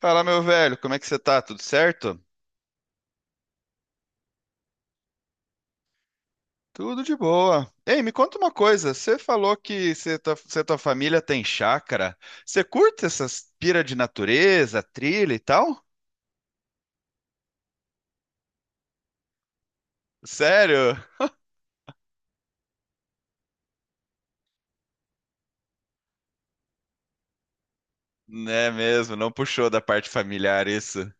Fala, meu velho, como é que você tá? Tudo certo? Tudo de boa. Ei, me conta uma coisa. Você falou que você e tua família tem chácara. Você curte essas pira de natureza, trilha e tal? Sério? Né mesmo, não puxou da parte familiar isso.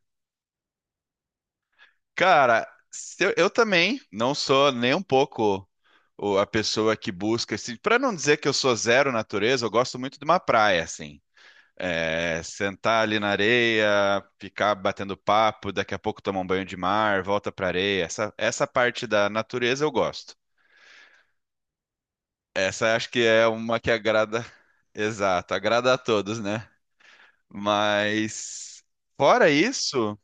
Cara, se eu também não sou nem um pouco a pessoa que busca esse. Para não dizer que eu sou zero natureza, eu gosto muito de uma praia, assim. É, sentar ali na areia, ficar batendo papo, daqui a pouco tomar um banho de mar, volta pra areia. Essa parte da natureza eu gosto. Essa acho que é uma que agrada, exato, agrada a todos, né? Mas fora isso,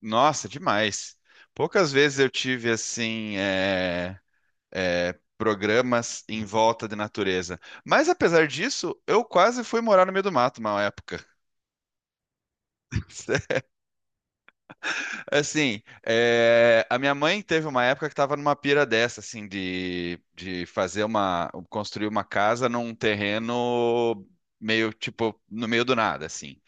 nossa, demais. Poucas vezes eu tive assim programas em volta de natureza. Mas apesar disso, eu quase fui morar no meio do mato uma época. Assim, é, a minha mãe teve uma época que estava numa pira dessa, assim, de fazer uma, construir uma casa num terreno meio, tipo, no meio do nada, assim.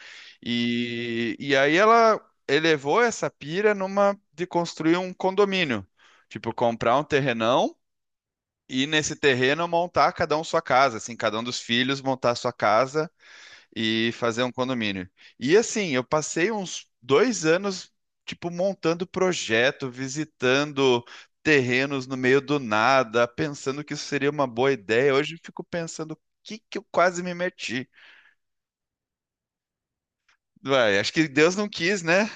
E aí ela elevou essa pira numa de construir um condomínio, tipo, comprar um terrenão e nesse terreno montar cada um sua casa, assim, cada um dos filhos montar sua casa e fazer um condomínio. E assim, eu passei uns 2 anos, tipo, montando projeto, visitando terrenos no meio do nada, pensando que isso seria uma boa ideia. Hoje eu fico pensando, o que que eu quase me meti? Vai, acho que Deus não quis, né?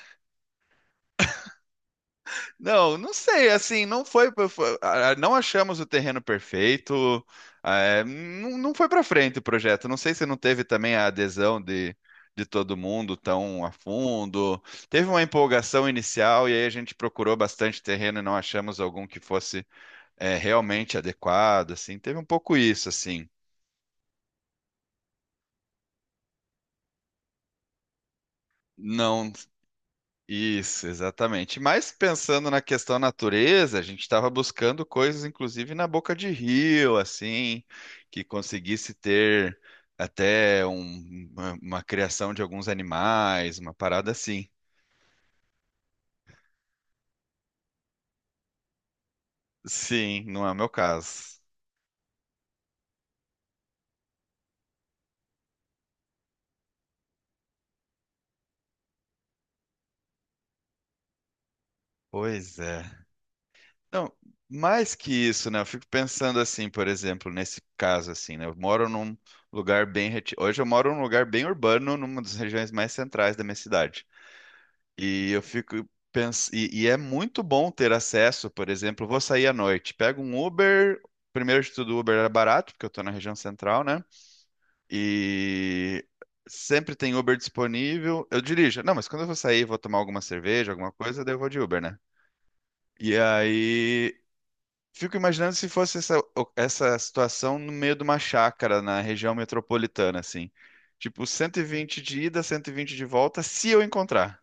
Não, não sei, assim, ah, não achamos o terreno perfeito, ah, é, não, não foi para frente o projeto. Não sei se não teve também a adesão de todo mundo tão a fundo. Teve uma empolgação inicial e aí a gente procurou bastante terreno e não achamos algum que fosse, é, realmente adequado, assim. Teve um pouco isso, assim. Não, isso, exatamente. Mas pensando na questão natureza, a gente estava buscando coisas, inclusive na boca de rio, assim, que conseguisse ter uma criação de alguns animais, uma parada assim. Sim, não é o meu caso. Pois é. Não, mais que isso, né? Eu fico pensando assim, por exemplo, nesse caso assim, né? Eu moro num Hoje eu moro num lugar bem urbano, numa das regiões mais centrais da minha cidade. E eu fico pensando. E é muito bom ter acesso, por exemplo, vou sair à noite, pego um Uber. Primeiro de tudo, o Uber era barato, porque eu tô na região central, né? E sempre tem Uber disponível. Eu dirijo. Não, mas quando eu vou sair, vou tomar alguma cerveja, alguma coisa, daí eu vou de Uber, né? E aí. Fico imaginando se fosse essa situação no meio de uma chácara na região metropolitana, assim. Tipo, 120 de ida, 120 de volta, se eu encontrar.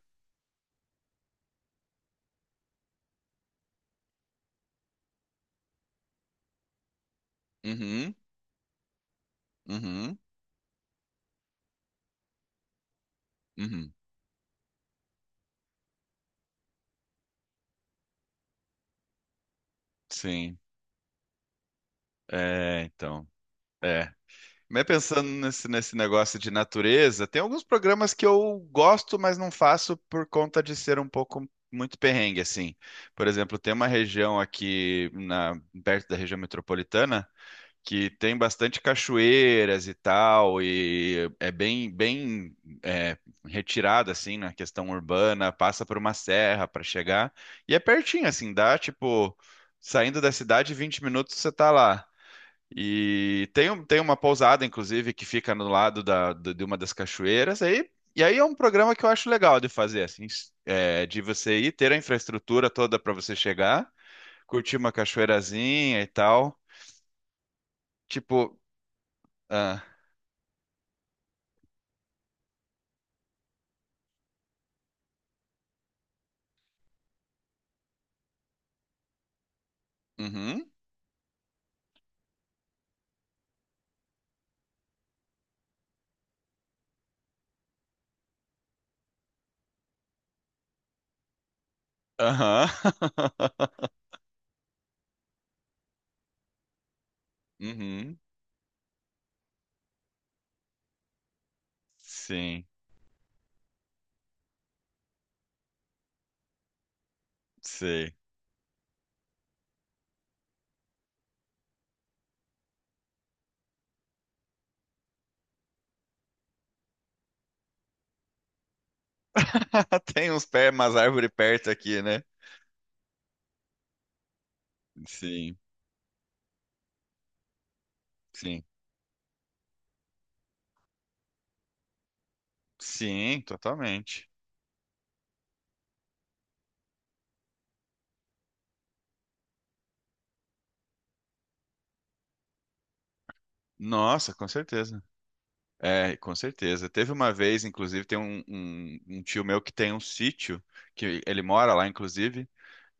Uhum, uhum, uhum. Sim, é, então, é. Mas pensando nesse negócio de natureza, tem alguns programas que eu gosto, mas não faço por conta de ser um pouco muito perrengue, assim. Por exemplo, tem uma região aqui na, perto da região metropolitana que tem bastante cachoeiras e tal, e é bem é, retirada, assim, na questão urbana, passa por uma serra para chegar, e é pertinho, assim, dá, tipo, saindo da cidade, 20 minutos você tá lá. E tem, tem uma pousada, inclusive, que fica no lado de uma das cachoeiras. Aí, e aí é um programa que eu acho legal de fazer, assim, é, de você ir ter a infraestrutura toda para você chegar, curtir uma cachoeirazinha e tal. Tipo, ah, uhum, aham, uhum, sim, sei. Tem uns pés, umas árvores perto aqui, né? Sim, sim, sim, totalmente. Nossa, com certeza. É, com certeza. Teve uma vez, inclusive, tem um tio meu que tem um sítio, que ele mora lá, inclusive,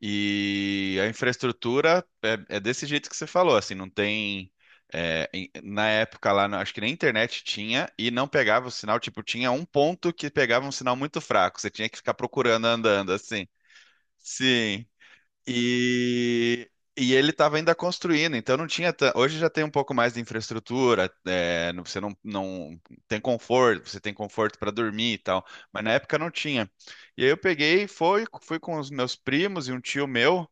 e a infraestrutura é desse jeito que você falou, assim, não tem. É, na época lá, acho que nem internet tinha e não pegava o sinal, tipo, tinha um ponto que pegava um sinal muito fraco, você tinha que ficar procurando andando, assim. Sim. E, e ele estava ainda construindo, então não tinha. Hoje já tem um pouco mais de infraestrutura, é, não- você não, não tem conforto, você tem conforto para dormir e tal, mas na época não tinha. E aí eu peguei, e fui com os meus primos e um tio meu,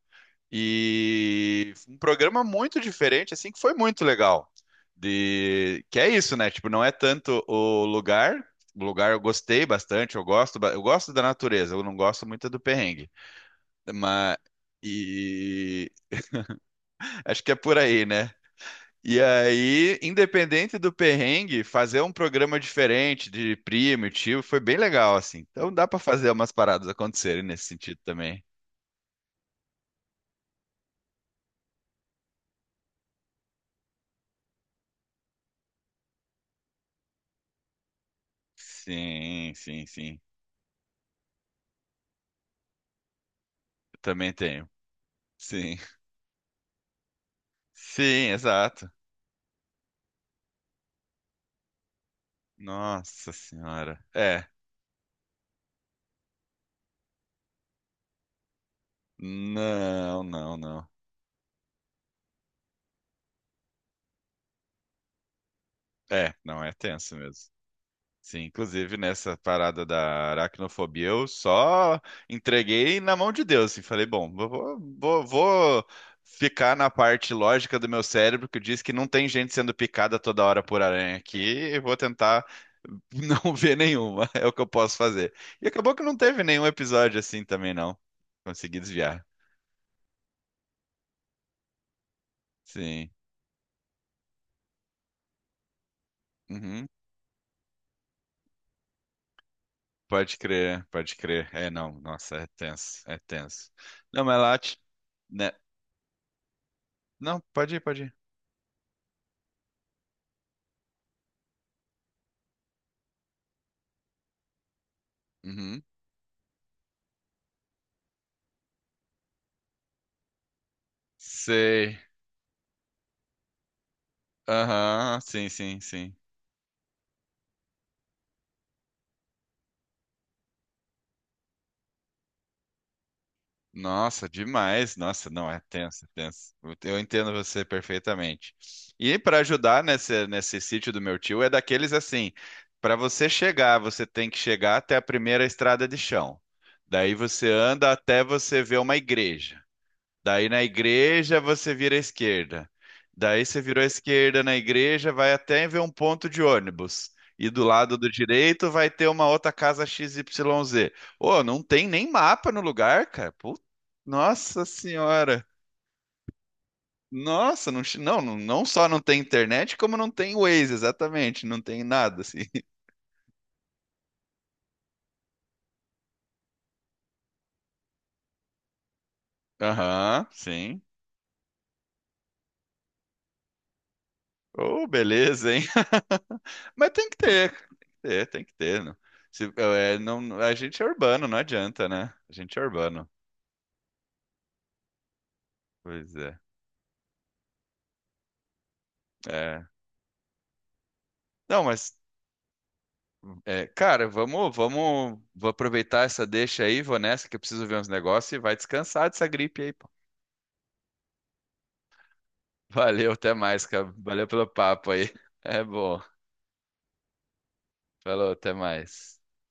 e foi um programa muito diferente, assim, que foi muito legal. De, que é isso, né? Tipo, não é tanto o lugar. O lugar eu gostei bastante, eu gosto da natureza, eu não gosto muito do perrengue. Mas, e acho que é por aí, né? E aí, independente do perrengue, fazer um programa diferente de primo e tio foi bem legal, assim. Então dá pra fazer umas paradas acontecerem nesse sentido também. Sim, sim, sim. Eu também tenho. Sim. Sim, exato. Nossa senhora. É. Não, não, não. É, não é tenso mesmo. Sim, inclusive nessa parada da aracnofobia, eu só entreguei na mão de Deus, assim, falei, bom, vou ficar na parte lógica do meu cérebro que diz que não tem gente sendo picada toda hora por aranha aqui, e vou tentar não ver nenhuma, é o que eu posso fazer. E acabou que não teve nenhum episódio assim também, não. Consegui desviar. Sim. Uhum. Pode crer, pode crer. É, não, nossa, é tenso, é tenso. Não, mas lá, né? Não, pode ir, pode ir. Uhum. Sei. Aham, sim, sim, sim. Nossa, demais. Nossa, não, é tenso, é tenso. Eu entendo você perfeitamente. E para ajudar nesse sítio do meu tio, é daqueles assim, para você chegar, você tem que chegar até a primeira estrada de chão. Daí você anda até você ver uma igreja. Daí na igreja você vira à esquerda. Daí você virou à esquerda na igreja, vai até ver um ponto de ônibus. E do lado do direito vai ter uma outra casa XYZ. Ô, não tem nem mapa no lugar, cara. Nossa senhora. Nossa, não, não só não tem internet, como não tem Waze, exatamente. Não tem nada, assim. Aham, sim. Ô, beleza, hein? Mas tem que ter, cara, tem que ter, tem que ter. Não. Se, é, não, a gente é urbano, não adianta, né? A gente é urbano. Pois é. É. Não, mas, é, cara, vamos, vou aproveitar essa deixa aí, vou nessa que eu preciso ver uns negócios e vai descansar dessa gripe aí, pô. Valeu, até mais, cara. Valeu pelo papo aí. É bom. Falou, até mais.